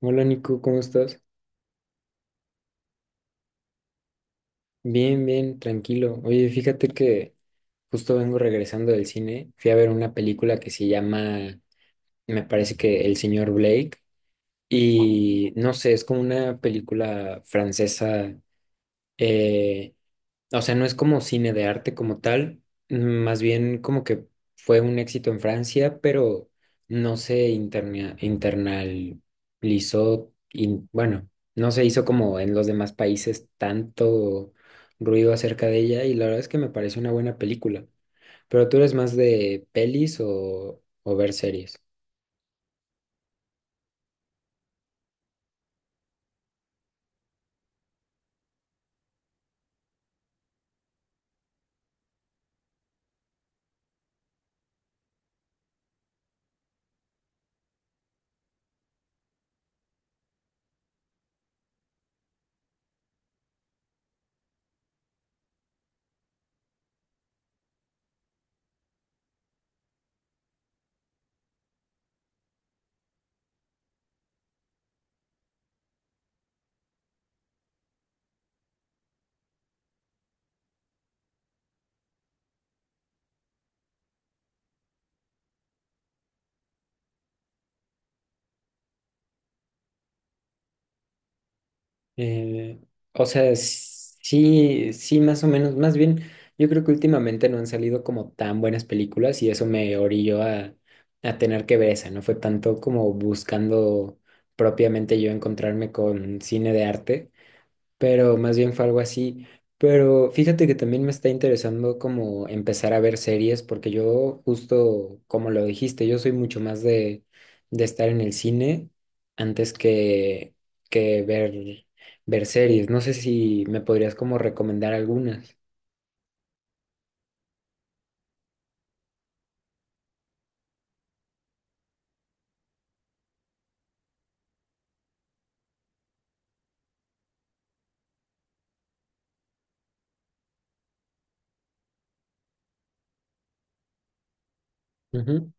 Hola Nico, ¿cómo estás? Bien, bien, tranquilo. Oye, fíjate que justo vengo regresando del cine. Fui a ver una película que se llama, me parece que El señor Blake. Y no sé, es como una película francesa, eh, o sea, no es como cine de arte como tal, más bien como que fue un éxito en Francia, pero no se internalizó, bueno, no se hizo como en los demás países tanto ruido acerca de ella y la verdad es que me parece una buena película. Pero tú eres más de pelis o ver series. Eh, o sea, sí, sí, más o menos. Más bien, yo creo que últimamente no han salido como tan buenas películas y eso me orilló a tener que ver esa. No fue tanto como buscando propiamente yo encontrarme con cine de arte, pero más bien fue algo así. Pero fíjate que también me está interesando como empezar a ver series, porque yo justo, como lo dijiste, yo soy mucho más de estar en el cine antes que ver series. No sé si me podrías como recomendar algunas. Ujú.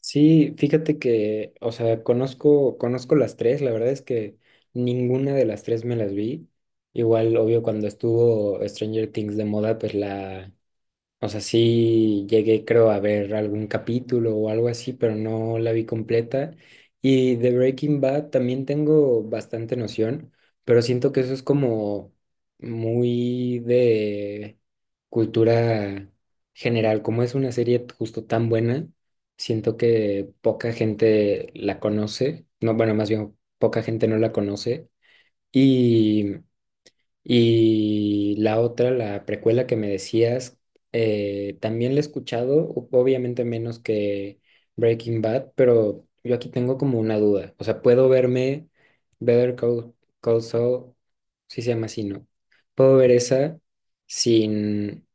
Sí, fíjate que, o sea, conozco las tres, la verdad es que ninguna de las tres me las vi. Igual, obvio, cuando estuvo Stranger Things de moda, o sea, sí llegué, creo, a ver algún capítulo o algo así, pero no la vi completa. Y de Breaking Bad también tengo bastante noción, pero siento que eso es como muy de cultura general. Como es una serie justo tan buena, siento que poca gente la conoce. No, bueno, más bien poca gente no la conoce. Y y la otra, la precuela que me decías, también la he escuchado, obviamente menos que Breaking Bad, pero yo aquí tengo como una duda. O sea, puedo verme Better Call Saul, si se llama así, ¿no? Puedo ver esa sin,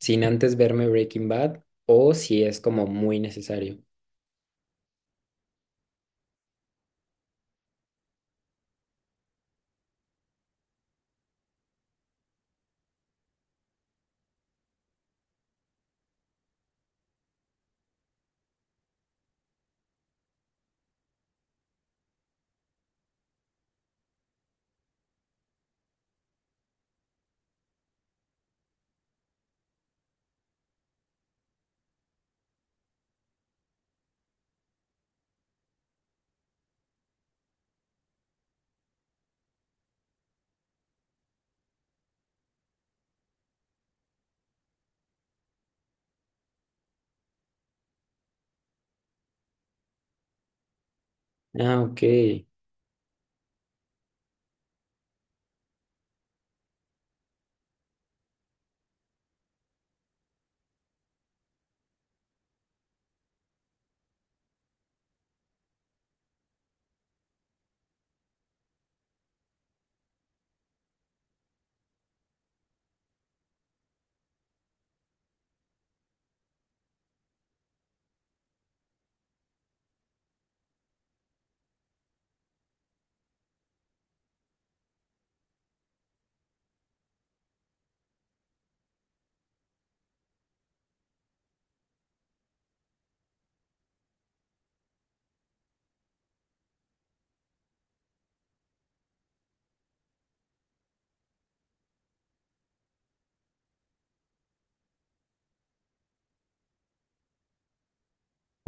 sin antes verme Breaking Bad o si es como muy necesario. Ah, ok.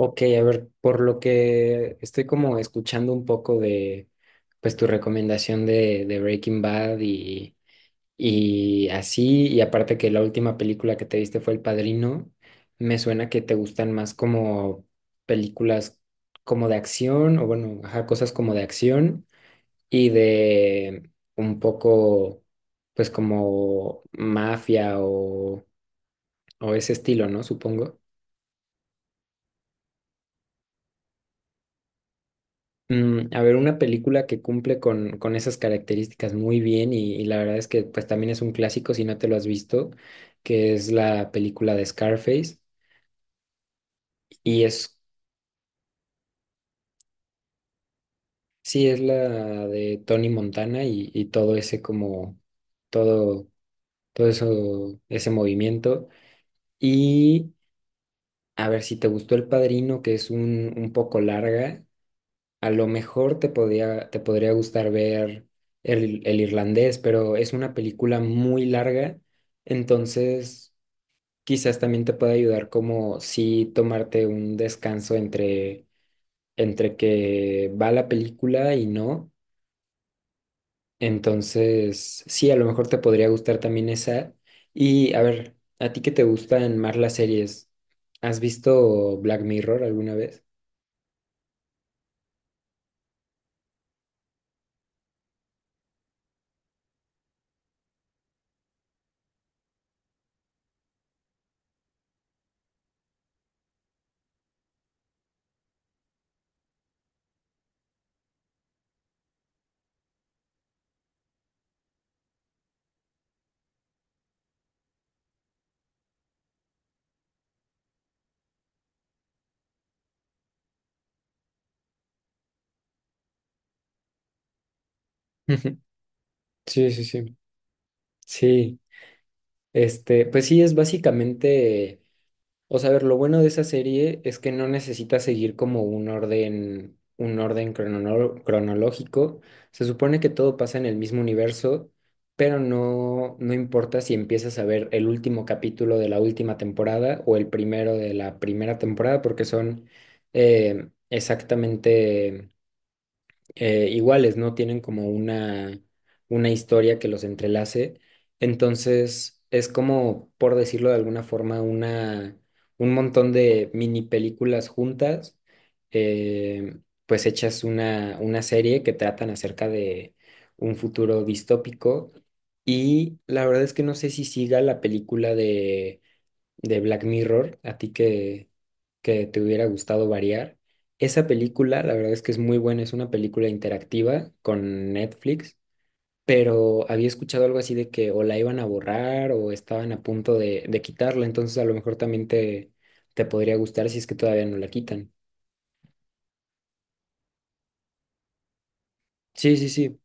Ok, a ver, por lo que estoy como escuchando un poco de, pues tu recomendación de Breaking Bad y así, y aparte que la última película que te viste fue El Padrino, me suena que te gustan más como películas como de acción, o bueno, ajá, cosas como de acción y de un poco, pues como mafia o ese estilo, ¿no? Supongo. A ver, una película que cumple con esas características muy bien y la verdad es que pues también es un clásico si no te lo has visto, que es la película de Scarface y es, sí, es la de Tony Montana y todo ese como, todo, todo eso, ese movimiento. Y a ver si te gustó El Padrino, que es un poco larga, a lo mejor te podría gustar ver el irlandés, pero es una película muy larga, entonces quizás también te pueda ayudar como si tomarte un descanso entre que va la película y no. Entonces, sí, a lo mejor te podría gustar también esa. Y a ver, ¿a ti que te gustan más las series? ¿Has visto Black Mirror alguna vez? Sí, sí, sí. Sí. Este, pues sí, es básicamente, o sea, a ver, lo bueno de esa serie es que no necesita seguir como un orden, cronológico. Se supone que todo pasa en el mismo universo, pero no, no importa si empiezas a ver el último capítulo de la última temporada o el primero de la primera temporada, porque son exactamente iguales, ¿no? Tienen como una historia que los entrelace. Entonces, es como, por decirlo de alguna forma, un montón de mini películas juntas, eh, pues hechas una serie que tratan acerca de un futuro distópico. Y la verdad es que no sé si siga la película de Black Mirror, a ti que te hubiera gustado variar. Esa película, la verdad es que es muy buena, es una película interactiva con Netflix, pero había escuchado algo así de que o la iban a borrar o estaban a punto de quitarla, entonces a lo mejor también te podría gustar si es que todavía no la quitan. Sí, sí, sí.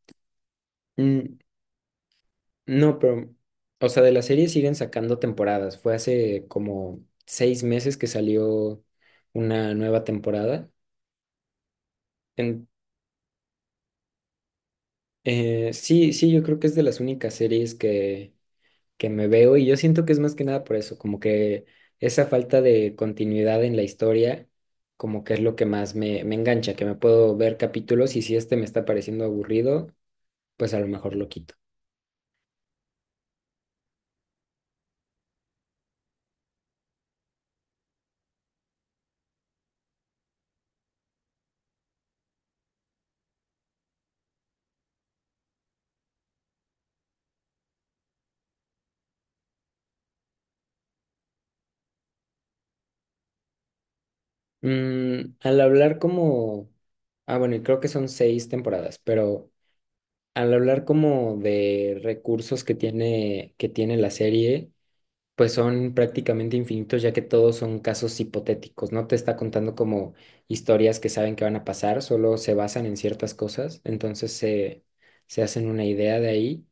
Mm, no, pero, o sea, de la serie siguen sacando temporadas. Fue hace como 6 meses que salió una nueva temporada. En- sí, sí, yo creo que es de las únicas series que me veo y yo siento que es más que nada por eso, como que esa falta de continuidad en la historia, como que es lo que más me engancha, que me puedo ver capítulos y si este me está pareciendo aburrido, pues a lo mejor lo quito. Al hablar como, ah bueno, y creo que son seis temporadas, pero al hablar como de recursos que tiene, la serie. Pues son prácticamente infinitos, ya que todos son casos hipotéticos. No te está contando como historias que saben que van a pasar, solo se basan en ciertas cosas, entonces se hacen una idea de ahí,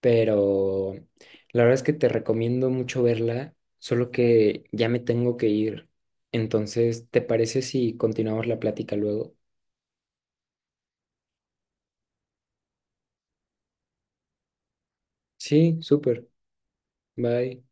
pero la verdad es que te recomiendo mucho verla, solo que ya me tengo que ir. Entonces, ¿te parece si continuamos la plática luego? Sí, súper. Bye.